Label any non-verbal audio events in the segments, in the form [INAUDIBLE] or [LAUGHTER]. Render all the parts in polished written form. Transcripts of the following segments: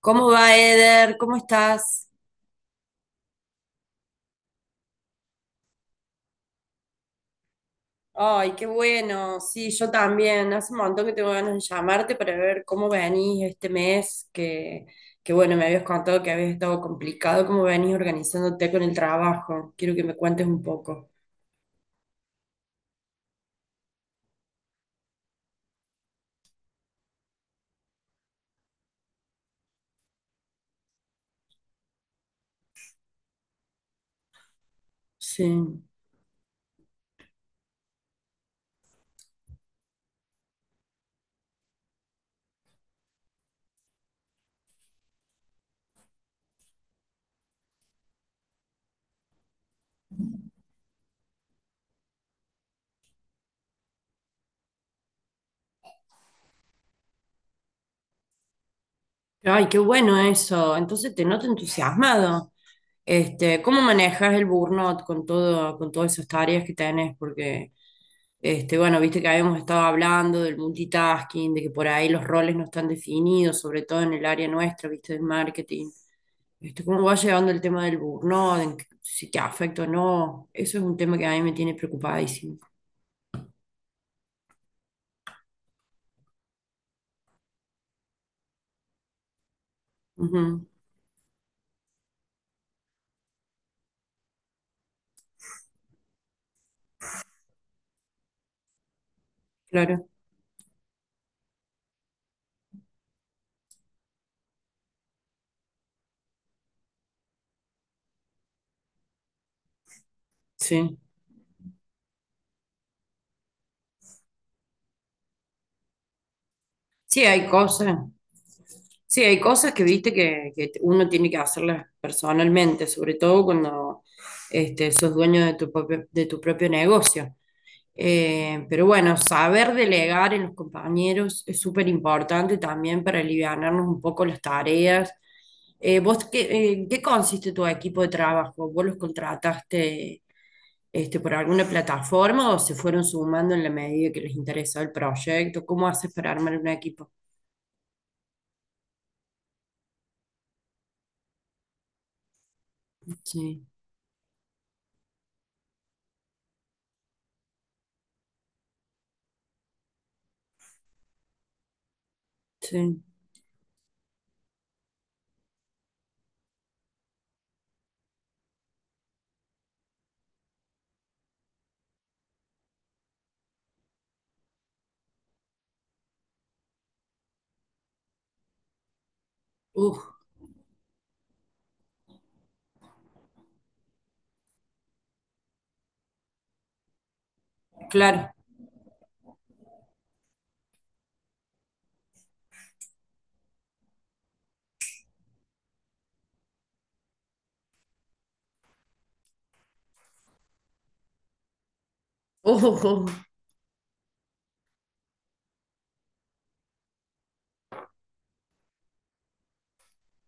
¿Cómo va, Eder? ¿Cómo estás? Ay, qué bueno. Sí, yo también. Hace un montón que tengo ganas de llamarte para ver cómo venís este mes, que bueno, me habías contado que habías estado complicado, cómo venís organizándote con el trabajo. Quiero que me cuentes un poco. Sí. Ay, qué bueno eso. Entonces te noto entusiasmado. ¿Cómo manejas el burnout con todo, con todas esas tareas que tenés? Porque, bueno, viste que habíamos estado hablando del multitasking, de que por ahí los roles no están definidos, sobre todo en el área nuestra, viste, del marketing. ¿Cómo va llevando el tema del burnout? Si te afecta o no. Eso es un tema que a mí me tiene preocupadísimo. Ujú, claro, sí. Sí, hay cosas. Sí, hay cosas que viste que uno tiene que hacerlas personalmente, sobre todo cuando sos dueño de tu propio negocio. Pero bueno, saber delegar en los compañeros es súper importante también para alivianarnos un poco las tareas. ¿Vos qué, en qué consiste tu equipo de trabajo? ¿Vos los contrataste por alguna plataforma o se fueron sumando en la medida que les interesó el proyecto? ¿Cómo haces para armar un equipo? Sí, sí. Uf, claro. [LAUGHS] Uf, uf, uf.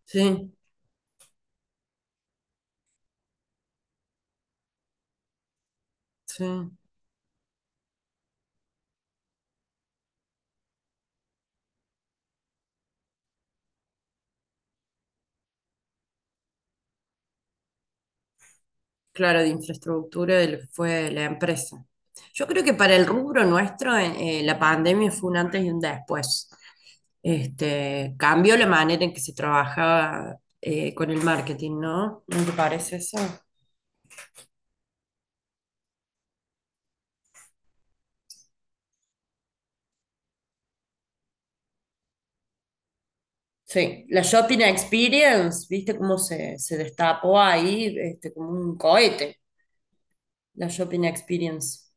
Sí, sí. Claro, de infraestructura de lo que fue la empresa. Yo creo que para el rubro nuestro, la pandemia fue un antes y un después. Cambió la manera en que se trabajaba con el marketing, ¿no? ¿No te parece eso? Sí, la shopping experience, ¿viste cómo se destapó ahí? Como un cohete, la shopping experience.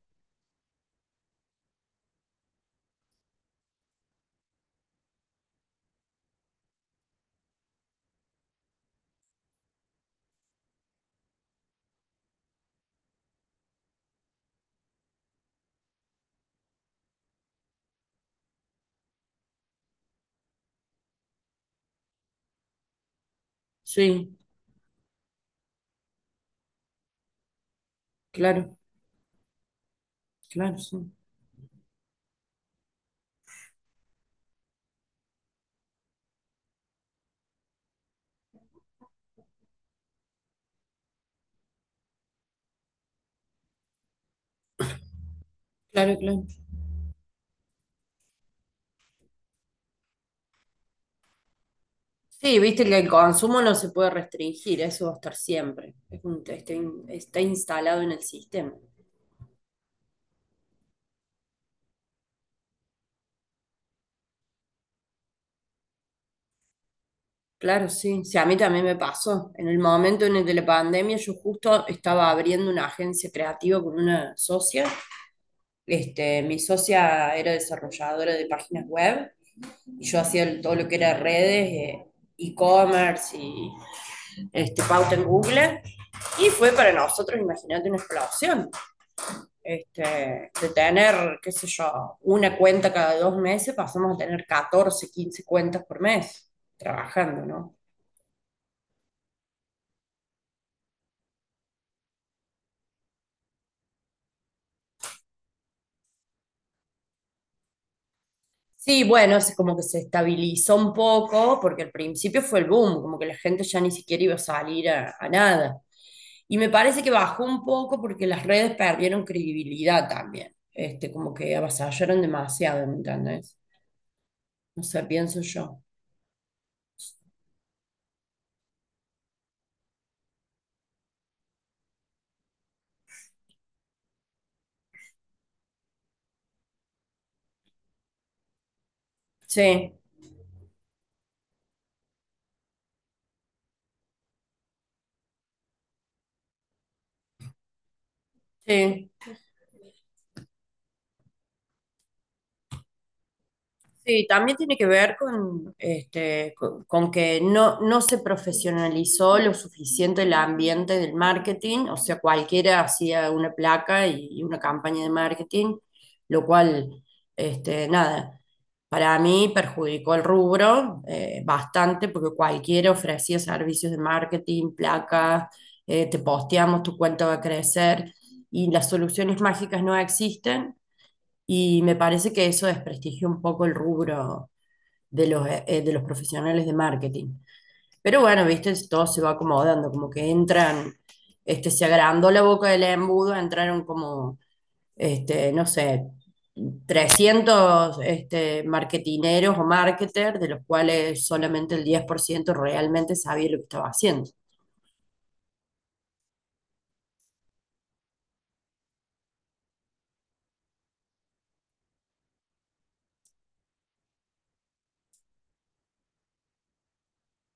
Sí, claro. Claro, sí. Claro, claro. Sí, viste que el consumo no se puede restringir, eso va a estar siempre. Está, está instalado en el sistema. Claro, sí. Sí, a mí también me pasó. En el momento en el de la pandemia, yo justo estaba abriendo una agencia creativa con una socia. Mi socia era desarrolladora de páginas web y yo hacía todo lo que era redes, e-commerce y pauta en Google. Y fue para nosotros, imagínate, una explosión. De tener, qué sé yo, una cuenta cada 2 meses, pasamos a tener 14 15 cuentas por mes trabajando, ¿no? Sí, bueno, es como que se estabilizó un poco, porque al principio fue el boom, como que la gente ya ni siquiera iba a salir a nada. Y me parece que bajó un poco porque las redes perdieron credibilidad también, como que avasallaron demasiado, ¿me entendés? No sé, pienso yo. Sí, sí. Sí, también tiene que ver con que no, no se profesionalizó lo suficiente el ambiente del marketing, o sea, cualquiera hacía una placa y una campaña de marketing, lo cual, nada, para mí perjudicó el rubro bastante porque cualquiera ofrecía servicios de marketing, placas, te posteamos, tu cuenta va a crecer y las soluciones mágicas no existen. Y me parece que eso desprestigia un poco el rubro de los profesionales de marketing. Pero bueno, viste, todo se va acomodando, como que entran, se agrandó la boca del embudo, entraron como, no sé, 300 marketineros o marketers, de los cuales solamente el 10% realmente sabía lo que estaba haciendo.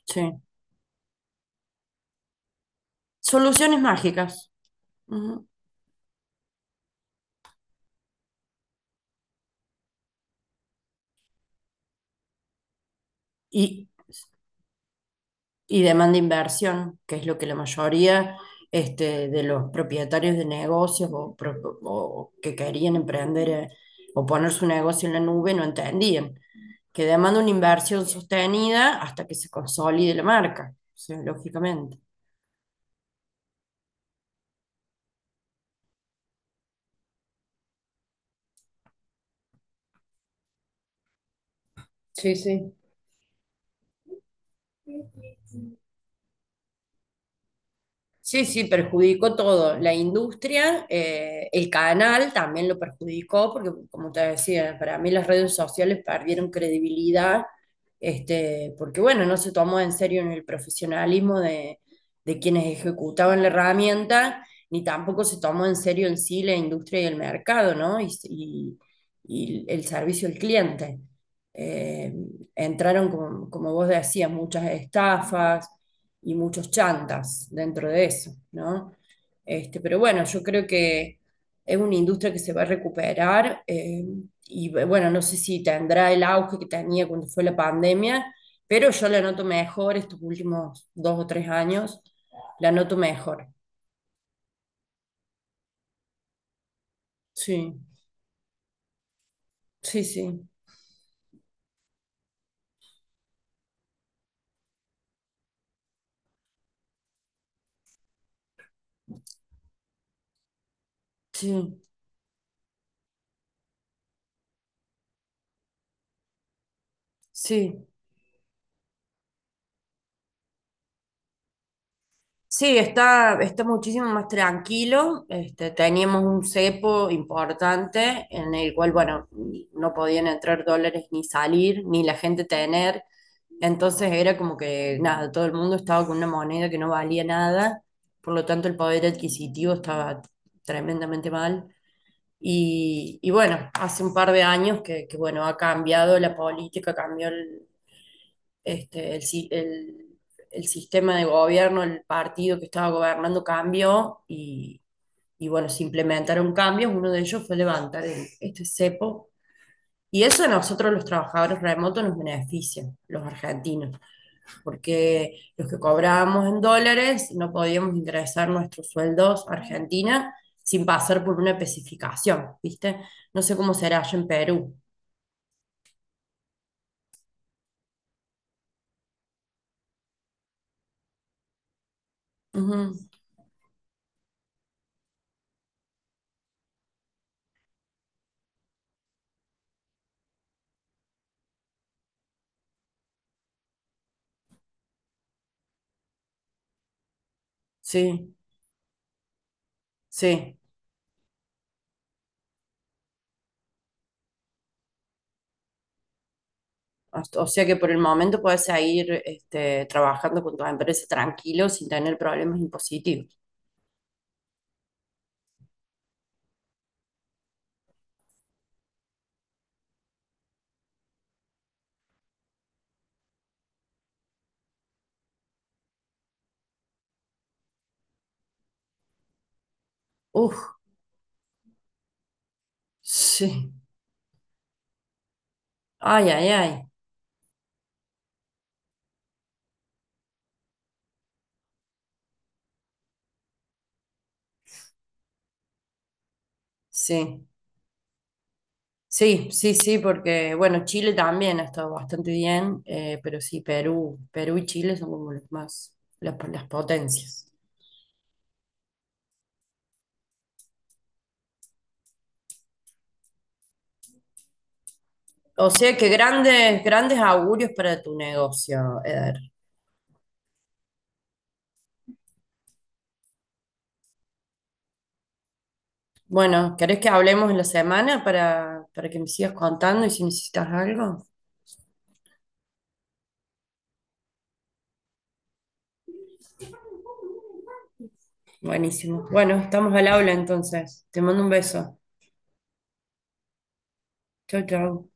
Sí. Soluciones mágicas. Ujú. Y y demanda inversión, que es lo que la mayoría de los propietarios de negocios o, o que querían emprender o poner su negocio en la nube no entendían, que demanda una inversión sostenida hasta que se consolide la marca, o sea, lógicamente. Sí, sí. Sí, sí, perjudicó todo. La industria, el canal también lo perjudicó, porque como te decía, para mí las redes sociales perdieron credibilidad, porque bueno, no se tomó en serio en el profesionalismo de quienes ejecutaban la herramienta, ni tampoco se tomó en serio en sí la industria y el mercado, ¿no? Y el servicio al cliente. Eh, Entraron, como vos decías, muchas estafas y muchos chantas dentro de eso, ¿no? Pero bueno, yo creo que es una industria que se va a recuperar y bueno, no sé si tendrá el auge que tenía cuando fue la pandemia, pero yo la noto mejor estos últimos 2 o 3 años, la noto mejor. Sí, sí, sí, sí, sí. Sí, está muchísimo más tranquilo. Teníamos un cepo importante en el cual, bueno, no podían entrar dólares ni salir, ni la gente tener. Entonces era como que, nada, todo el mundo estaba con una moneda que no valía nada, por lo tanto el poder adquisitivo estaba tremendamente mal. Y bueno, hace un par de años que bueno, ha cambiado la política, cambió el, este, el, si- el sistema de gobierno, el partido que estaba gobernando cambió y bueno, se implementaron cambios. Uno de ellos fue levantar este cepo. Y eso a nosotros los trabajadores remotos nos beneficia, los argentinos, porque los que cobrábamos en dólares no podíamos ingresar nuestros sueldos a Argentina sin pasar por una especificación, ¿viste? No sé cómo será allá en Perú. Ujú. Sí, sí. O sea que por el momento puedes seguir trabajando con tu empresa tranquilo sin tener problemas impositivos. Uf, sí. Ay, ay, ay. Sí. Sí, sí, sí, porque bueno, Chile también ha estado bastante bien, pero sí, Perú, y Chile son como los más, las potencias. O sea que grandes, grandes augurios para tu negocio, Eder. Bueno, ¿querés que hablemos en la semana para que me sigas contando y si necesitas algo? Buenísimo. Bueno, estamos al habla entonces. Te mando un beso. Chau, chau.